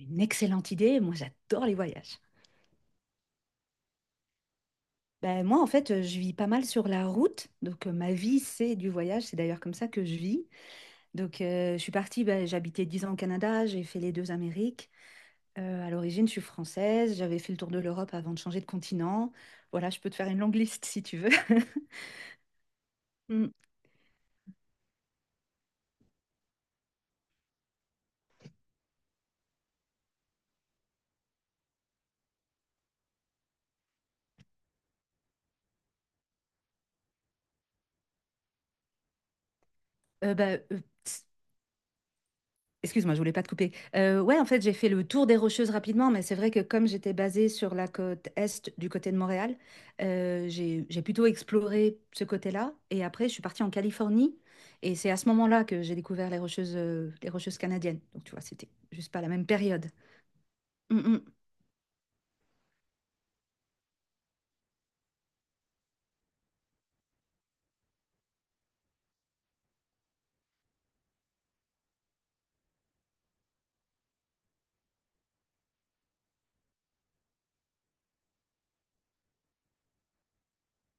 Une excellente idée, moi j'adore les voyages. Ben, moi en fait je vis pas mal sur la route, donc ma vie c'est du voyage, c'est d'ailleurs comme ça que je vis. Donc je suis partie, ben, j'habitais 10 ans au Canada, j'ai fait les deux Amériques. À l'origine je suis française, j'avais fait le tour de l'Europe avant de changer de continent. Voilà, je peux te faire une longue liste si tu veux. Mm. Ben, Excuse-moi, je voulais pas te couper. Ouais, en fait, j'ai fait le tour des Rocheuses rapidement, mais c'est vrai que comme j'étais basée sur la côte est du côté de Montréal, j'ai plutôt exploré ce côté-là et après je suis partie en Californie et c'est à ce moment-là que j'ai découvert les Rocheuses canadiennes. Donc tu vois, c'était juste pas la même période. Mmh mh.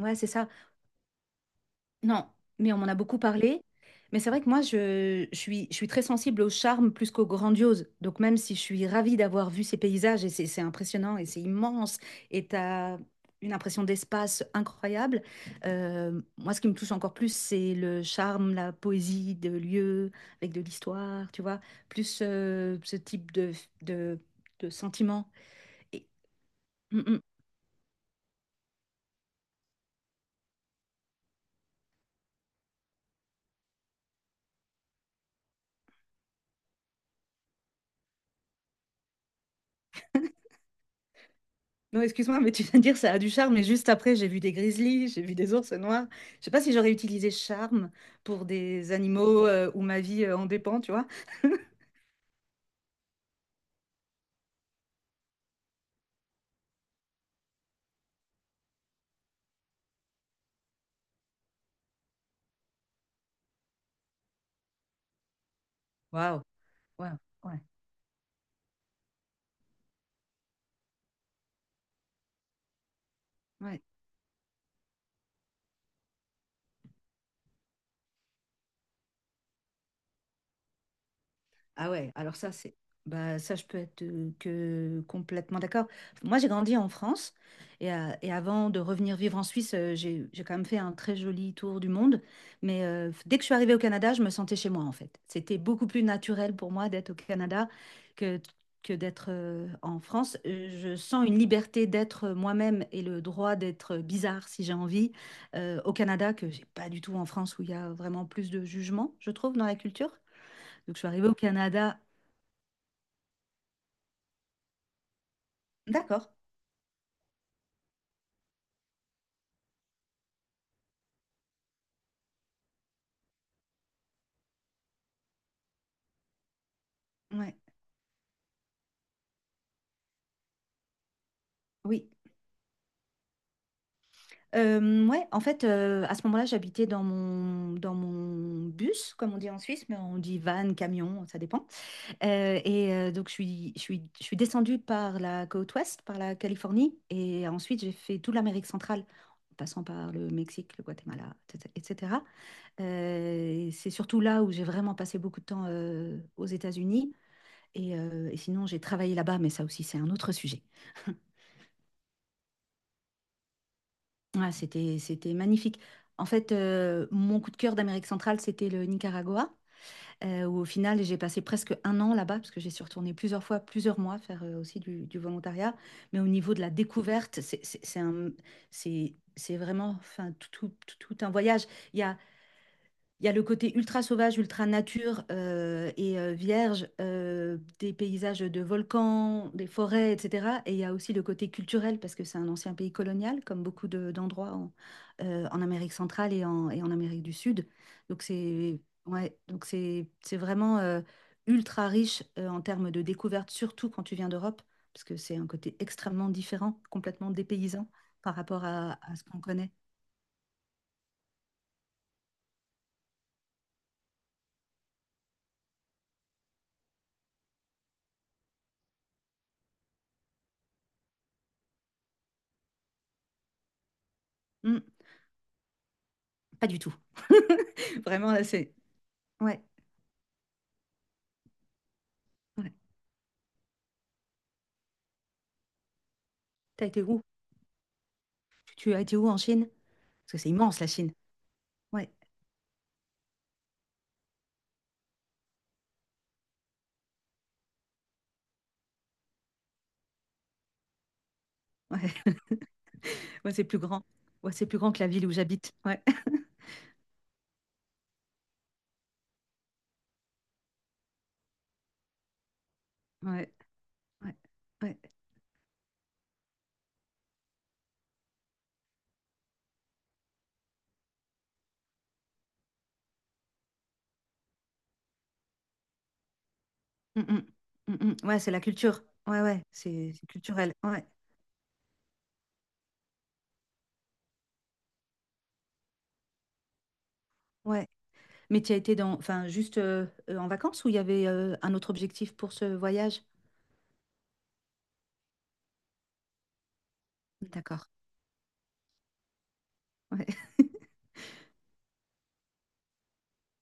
Ouais, c'est ça. Non, mais on m'en a beaucoup parlé. Mais c'est vrai que moi, je suis très sensible au charme plus qu'au grandiose. Donc même si je suis ravie d'avoir vu ces paysages, et c'est impressionnant, et c'est immense, et tu as une impression d'espace incroyable, moi, ce qui me touche encore plus, c'est le charme, la poésie de lieux, avec de l'histoire, tu vois, plus ce type de, de sentiment. Et, Mm, mm. Non, excuse-moi, mais tu viens de dire ça a du charme, mais juste après, j'ai vu des grizzlies, j'ai vu des ours noirs. Je sais pas si j'aurais utilisé charme pour des animaux où ma vie en dépend, tu vois. Waouh, waouh, ouais, ouais. Ah ouais, alors ça, c'est, bah, ça, je peux être que complètement d'accord. Moi, j'ai grandi en France et avant de revenir vivre en Suisse, j'ai quand même fait un très joli tour du monde. Mais dès que je suis arrivée au Canada, je me sentais chez moi, en fait. C'était beaucoup plus naturel pour moi d'être au Canada que, que d'être en France. Je sens une liberté d'être moi-même et le droit d'être bizarre si j'ai envie au Canada que j'ai pas du tout en France où il y a vraiment plus de jugement, je trouve, dans la culture. Donc, je suis arrivée au Canada. D'accord. Ouais. Oui. Ouais, en fait, à ce moment-là, j'habitais dans mon bus, comme on dit en Suisse, mais on dit van, camion, ça dépend. Et donc, je suis descendue par la côte ouest, par la Californie, et ensuite, j'ai fait toute l'Amérique centrale, en passant par le Mexique, le Guatemala, etc. Et c'est surtout là où j'ai vraiment passé beaucoup de temps aux États-Unis. Et sinon, j'ai travaillé là-bas, mais ça aussi, c'est un autre sujet. Ah, c'était magnifique. En fait, mon coup de cœur d'Amérique centrale, c'était le Nicaragua, où au final, j'ai passé presque un an là-bas, parce que j'ai suis retournée plusieurs fois, plusieurs mois, faire aussi du volontariat. Mais au niveau de la découverte, c'est vraiment enfin, tout un voyage. Il y a le côté ultra sauvage, ultra nature et vierge, des paysages de volcans, des forêts, etc. Et il y a aussi le côté culturel, parce que c'est un ancien pays colonial, comme beaucoup d'endroits en Amérique centrale et en Amérique du Sud. Donc c'est Ouais, donc c'est vraiment ultra riche en termes de découvertes, surtout quand tu viens d'Europe, parce que c'est un côté extrêmement différent, complètement dépaysant par rapport à ce qu'on connaît. Hmm, pas du tout. Vraiment, là, c'est. Ouais. Ouais. T'as été où? Tu as été où en Chine? Parce que c'est immense la Chine. Ouais, ouais, ouais, c'est plus grand. Ouais, c'est plus grand que la ville où j'habite. Ouais, ouais, ouais, ouais. Mm, mm, mm, mm. Ouais, c'est la culture. Ouais, ouais, c'est culturel. Ouais, ouais. Mais tu as été dans, enfin, juste en vacances ou il y avait un autre objectif pour ce voyage? D'accord. Ouais.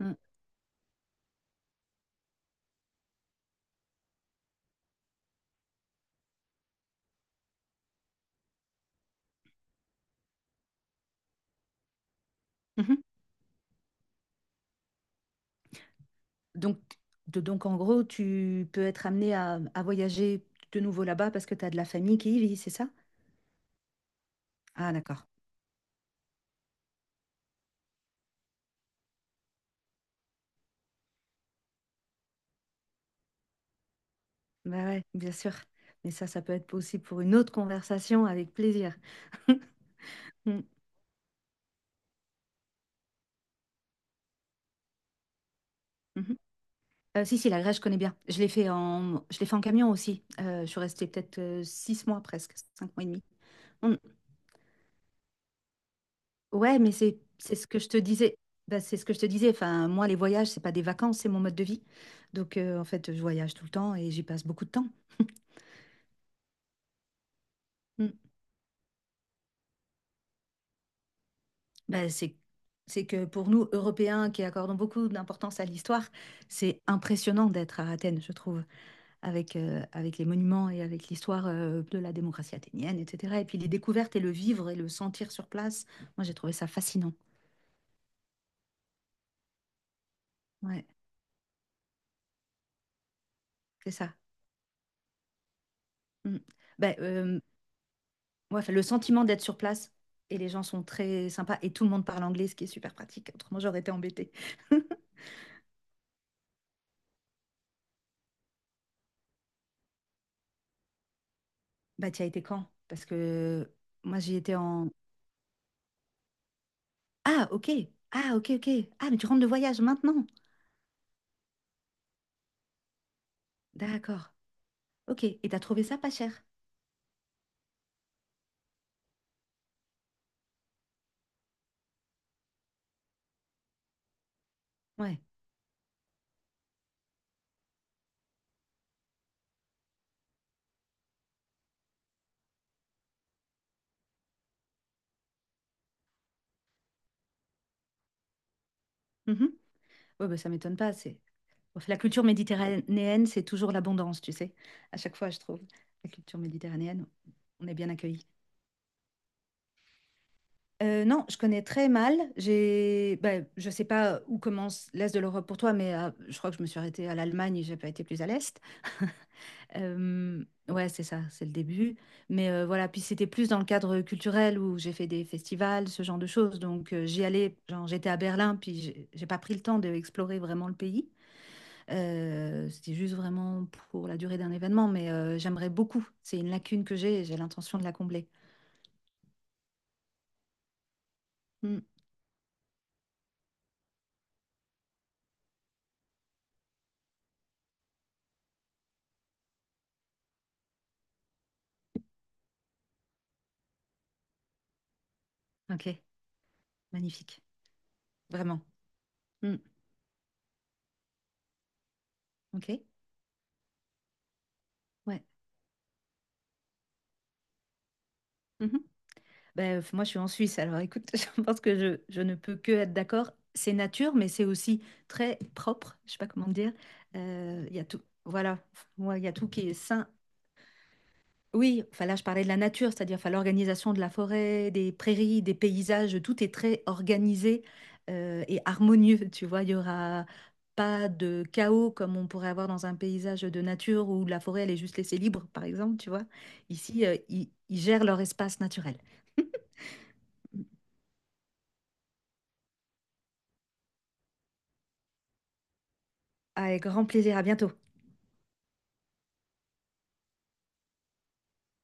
Mm. Mhm. Donc, donc, en gros, tu peux être amené à voyager de nouveau là-bas parce que tu as de la famille qui y vit, c'est ça? Ah, d'accord. Bah ouais, bien sûr. Mais ça peut être possible pour une autre conversation avec plaisir. Mm, mhm. Si, si, la Grèce, je connais bien. Je l'ai fait en camion aussi. Je suis restée peut-être 6 mois presque, 5 mois et demi. Mm. Ouais, mais c'est ce que je te disais. Bah, c'est ce que je te disais. Enfin, moi, les voyages, c'est pas des vacances, c'est mon mode de vie. Donc, en fait, je voyage tout le temps et j'y passe beaucoup de temps. Mm. Bah, c'est que pour nous, Européens, qui accordons beaucoup d'importance à l'histoire, c'est impressionnant d'être à Athènes, je trouve. Avec les monuments et avec l'histoire de la démocratie athénienne, etc. Et puis les découvertes et le vivre et le sentir sur place, moi j'ai trouvé ça fascinant. Ouais, c'est ça. Mm. Ben, ouais, enfin, le sentiment d'être sur place et les gens sont très sympas et tout le monde parle anglais, ce qui est super pratique. Autrement, j'aurais été embêtée. Bah, tu as été quand? Parce que moi j'y étais en. Ah, ok. Ah, ok, ok. Ah, mais tu rentres de voyage maintenant. D'accord. Ok. Et t'as trouvé ça pas cher? Ouais. Mhm. Ouais, bah, ça m'étonne pas. C'est La culture méditerranéenne, c'est toujours l'abondance, tu sais. À chaque fois, je trouve. La culture méditerranéenne, on est bien accueillis. Non, je connais très mal. Ben, je sais pas où commence l'Est de l'Europe pour toi, mais je crois que je me suis arrêtée à l'Allemagne et j'ai pas été plus à l'Est. Ouais, c'est ça, c'est le début. Mais voilà, puis c'était plus dans le cadre culturel où j'ai fait des festivals, ce genre de choses. Donc j'y allais, genre j'étais à Berlin, puis j'ai pas pris le temps d'explorer vraiment le pays. C'était juste vraiment pour la durée d'un événement, mais j'aimerais beaucoup. C'est une lacune que j'ai et j'ai l'intention de la combler. Hmm. Ok, magnifique. Vraiment. Hmm. Ok, ouais. Mhm. Ben, moi, je suis en Suisse, alors écoute, je pense que je ne peux que être d'accord. C'est nature, mais c'est aussi très propre. Je sais pas comment dire. Il y a tout. Voilà. Ouais, il y a tout qui est sain. Oui, enfin là, je parlais de la nature, c'est-à-dire enfin, l'organisation de la forêt, des prairies, des paysages, tout est très organisé et harmonieux, tu vois. Il y aura pas de chaos comme on pourrait avoir dans un paysage de nature où la forêt, elle est juste laissée libre, par exemple, tu vois. Ici, ils gèrent leur espace naturel. Avec grand plaisir, à bientôt.